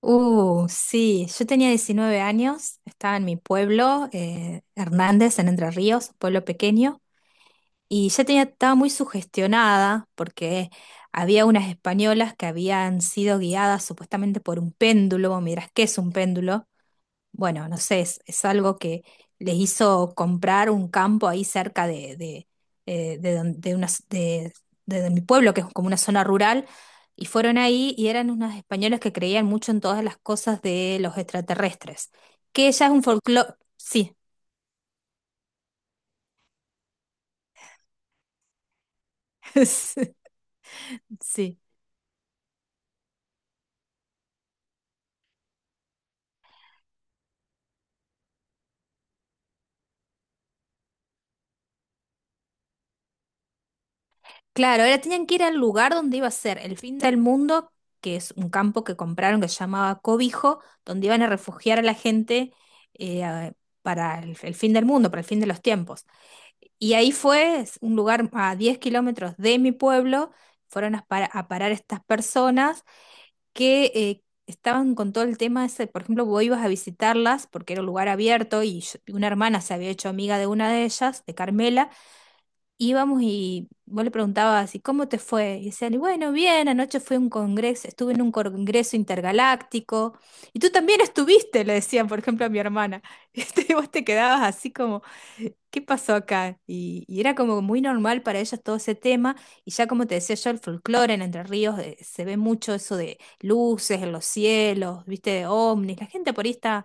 Sí, yo tenía 19 años, estaba en mi pueblo, Hernández, en Entre Ríos, un pueblo pequeño, y ya tenía, estaba muy sugestionada porque había unas españolas que habían sido guiadas supuestamente por un péndulo. Vos, ¿qué es un péndulo? Bueno, no sé, es algo que les hizo comprar un campo ahí cerca de, don- de unas- de mi pueblo, que es como una zona rural, y fueron ahí y eran unos españoles que creían mucho en todas las cosas de los extraterrestres, que ya es un folclore, sí. Sí. Claro, ahora tenían que ir al lugar donde iba a ser el fin del mundo, que es un campo que compraron que se llamaba Cobijo, donde iban a refugiar a la gente eh, a- para el fin del mundo, para el fin de los tiempos. Y ahí fue, es un lugar a 10 kilómetros de mi pueblo, fueron a, a parar estas personas que estaban con todo el tema ese. Por ejemplo, vos ibas a visitarlas porque era un lugar abierto, una hermana se había hecho amiga de una de ellas, de Carmela. Íbamos y vos le preguntabas, ¿y cómo te fue? Y decían, y bueno, bien, anoche fui a un congreso, estuve en un congreso intergaláctico, y tú también estuviste, le decían, por ejemplo, a mi hermana. Este, y vos te quedabas así como, ¿qué pasó acá? Y era como muy normal para ellos todo ese tema. Y ya, como te decía yo, el folclore en Entre Ríos, se ve mucho eso de luces en los cielos, viste, de ovnis. La gente por ahí está,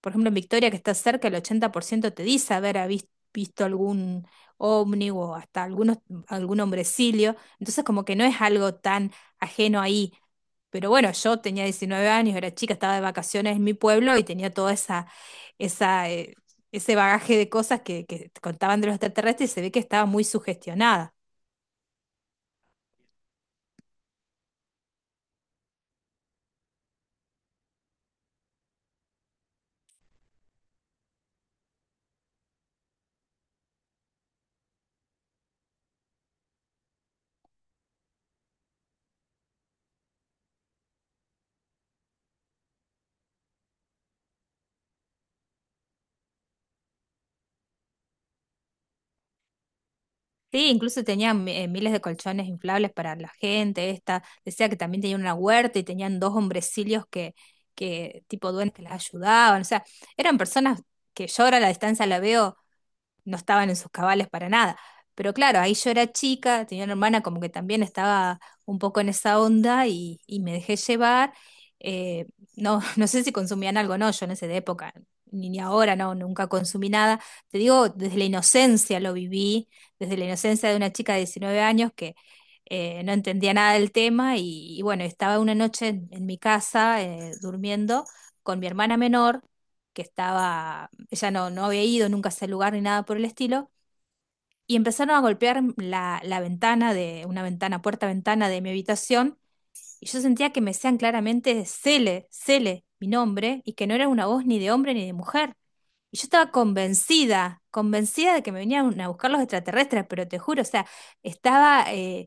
por ejemplo, en Victoria, que está cerca, el 80% te dice visto algún ovni o hasta algún hombrecillo. Entonces, como que no es algo tan ajeno ahí. Pero bueno, yo tenía 19 años, era chica, estaba de vacaciones en mi pueblo y tenía toda esa, eh, ese bagaje de cosas que contaban de los extraterrestres, y se ve que estaba muy sugestionada. Sí, incluso tenía miles de colchones inflables para la gente. Esta decía que también tenía una huerta y tenían dos hombrecillos que tipo duendes, que las ayudaban. O sea, eran personas que yo ahora a la distancia la veo, no estaban en sus cabales para nada. Pero claro, ahí yo era chica, tenía una hermana como que también estaba un poco en esa onda y me dejé llevar. Eh, no, no sé si consumían algo. No, yo en esa época, ni ahora, no, nunca consumí nada. Te digo, desde la inocencia lo viví, desde la inocencia de una chica de 19 años que no entendía nada del tema. Y bueno, estaba una noche en mi casa durmiendo con mi hermana menor, que estaba, ella no había ido nunca a ese lugar ni nada por el estilo, y empezaron a golpear la ventana de, una ventana, puerta-ventana de mi habitación, y yo sentía que me decían claramente Cele, Cele, mi nombre, y que no era una voz ni de hombre ni de mujer. Y yo estaba convencida de que me venían a buscar los extraterrestres, pero te juro, o sea, estaba, eh,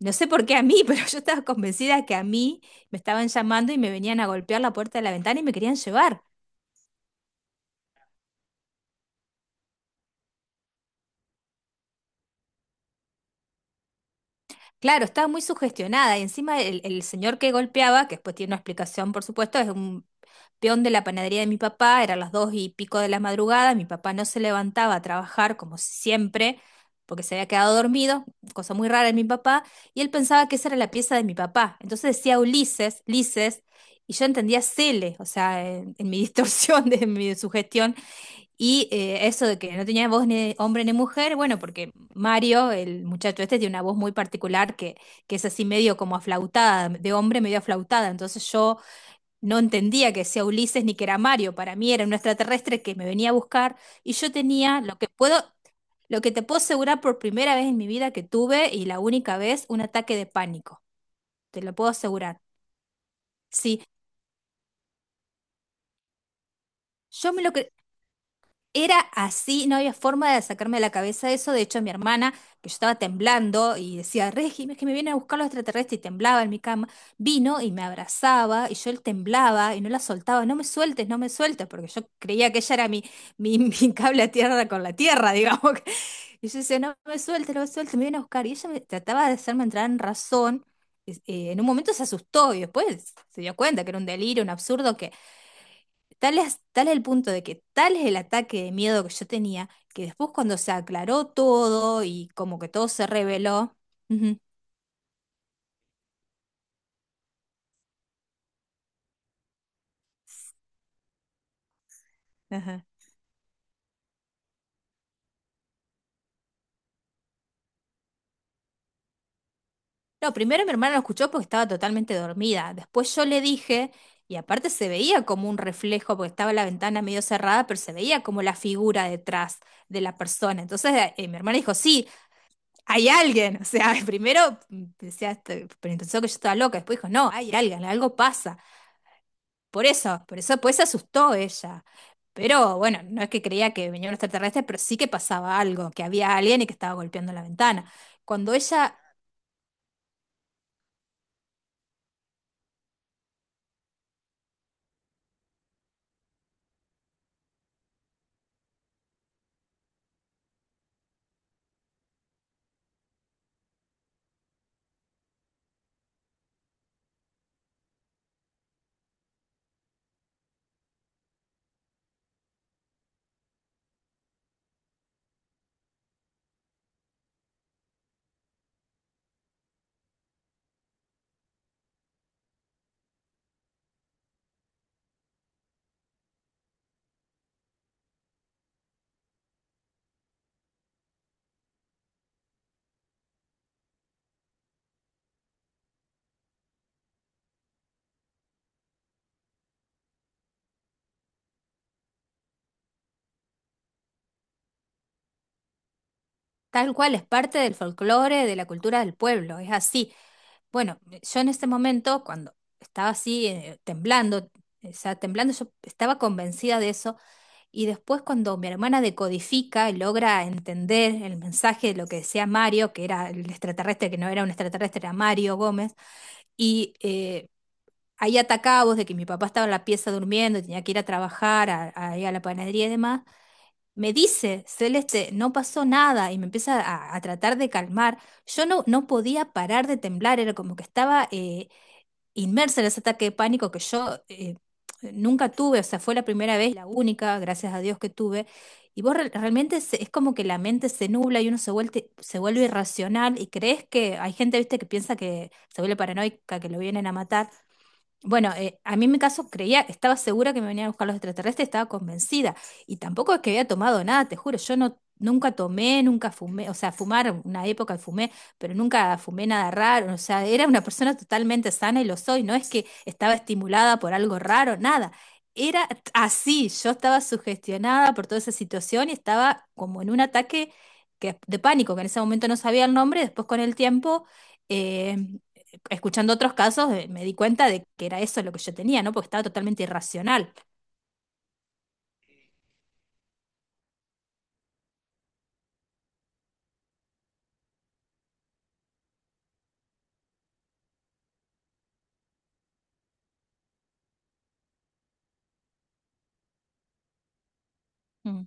no sé por qué a mí, pero yo estaba convencida que a mí me estaban llamando y me venían a golpear la puerta de la ventana y me querían llevar. Claro, estaba muy sugestionada, y encima el señor que golpeaba, que después tiene una explicación, por supuesto, es un peón de la panadería de mi papá. Eran las dos y pico de la madrugada, mi papá no se levantaba a trabajar como siempre, porque se había quedado dormido, cosa muy rara en mi papá, y él pensaba que esa era la pieza de mi papá. Entonces decía Ulises, Lises, y yo entendía Cele. O sea, en mi distorsión, de mi sugestión. Y eso de que no tenía voz ni de hombre ni mujer, bueno, porque Mario, el muchacho este, tiene una voz muy particular que es así medio como aflautada, de hombre medio aflautada. Entonces yo no entendía que sea Ulises ni que era Mario. Para mí era un extraterrestre que me venía a buscar. Y yo tenía lo que puedo, Lo que te puedo asegurar, por primera vez en mi vida que tuve y la única vez, un ataque de pánico. Te lo puedo asegurar. Sí, yo me lo cre- era así, no había forma de sacarme de la cabeza eso. De hecho, mi hermana, que yo estaba temblando y decía, Regi, es que me vienen a buscar los extraterrestres, y temblaba en mi cama, vino y me abrazaba, y yo él temblaba y no la soltaba, no me sueltes, no me sueltes, porque yo creía que ella era mi cable a tierra con la tierra, digamos. Y yo decía, no me sueltes, no me sueltes, me vienen a buscar. Y ella me trataba de hacerme entrar en razón. En un momento se asustó, y después se dio cuenta que era un delirio, un absurdo, que tal es el punto de que tal es el ataque de miedo que yo tenía, que después cuando se aclaró todo y como que todo se reveló. Ujú, ajá. No, primero mi hermana lo escuchó porque estaba totalmente dormida. Después yo le dije, y aparte se veía como un reflejo, porque estaba la ventana medio cerrada, pero se veía como la figura detrás de la persona. Entonces mi hermana dijo, sí, hay alguien. O sea, primero decía, este, pero pensó que yo estaba loca. Después dijo, no, hay alguien, algo pasa. Por eso, pues se asustó ella. Pero bueno, no es que creía que venía un extraterrestre, pero sí que pasaba algo, que había alguien y que estaba golpeando la ventana. Cuando ella, tal cual, es parte del folclore, de la cultura del pueblo, es así. Bueno, yo en ese momento, cuando estaba así, temblando, o sea, temblando, yo estaba convencida de eso. Y después cuando mi hermana decodifica y logra entender el mensaje de lo que decía Mario, que era el extraterrestre, que no era un extraterrestre, era Mario Gómez, y ahí atacados de que mi papá estaba en la pieza durmiendo, tenía que ir a trabajar, a ir a la panadería y demás, me dice, Celeste, no pasó nada, y me empieza a tratar de calmar. Yo no podía parar de temblar, era como que estaba inmersa en ese ataque de pánico que yo nunca tuve. O sea, fue la primera vez, la única, gracias a Dios que tuve. Y vos realmente es como que la mente se nubla y uno se vuelve irracional, y crees que hay gente, viste, que piensa, que se vuelve paranoica, que lo vienen a matar. Bueno, a mí en mi caso creía, estaba segura que me venían a buscar los extraterrestres, estaba convencida. Y tampoco es que había tomado nada, te juro, yo no, nunca tomé, nunca fumé, o sea, fumar, una época fumé, pero nunca fumé nada raro. O sea, era una persona totalmente sana, y lo soy, no es que estaba estimulada por algo raro, nada. Era así, yo estaba sugestionada por toda esa situación, y estaba como en un ataque de pánico, que en ese momento no sabía el nombre, después con el tiempo… eh, escuchando otros casos, me di cuenta de que era eso lo que yo tenía, ¿no? Porque estaba totalmente irracional. Mm.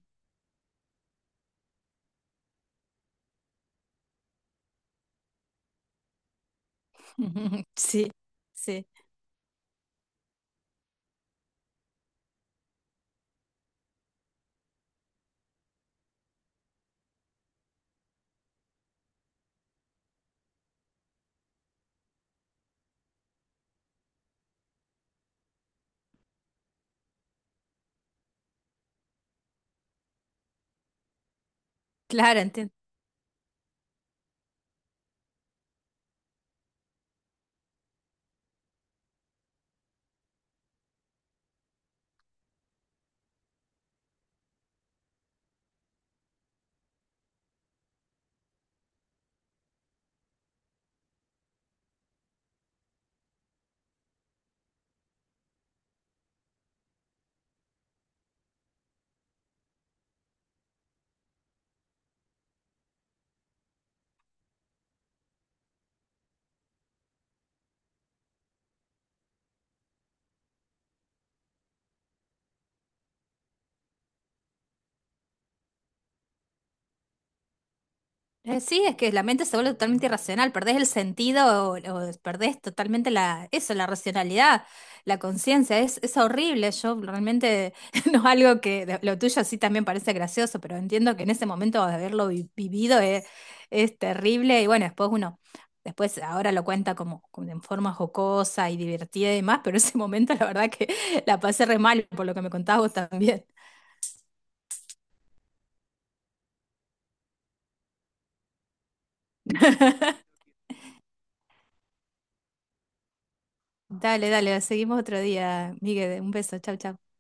Sí, sí, claro, entiendo. Sí, es que la mente se vuelve totalmente irracional, perdés el sentido o perdés totalmente la, eso, la racionalidad, la conciencia, es horrible. Yo realmente no es algo que lo tuyo sí también parece gracioso, pero entiendo que en ese momento de haberlo vivido es terrible. Y bueno, después uno, después ahora lo cuenta como, como en forma jocosa y divertida y demás, pero ese momento la verdad que la pasé re mal, por lo que me contabas vos también. Dale, dale, seguimos otro día, Miguel, un beso, chau, chau.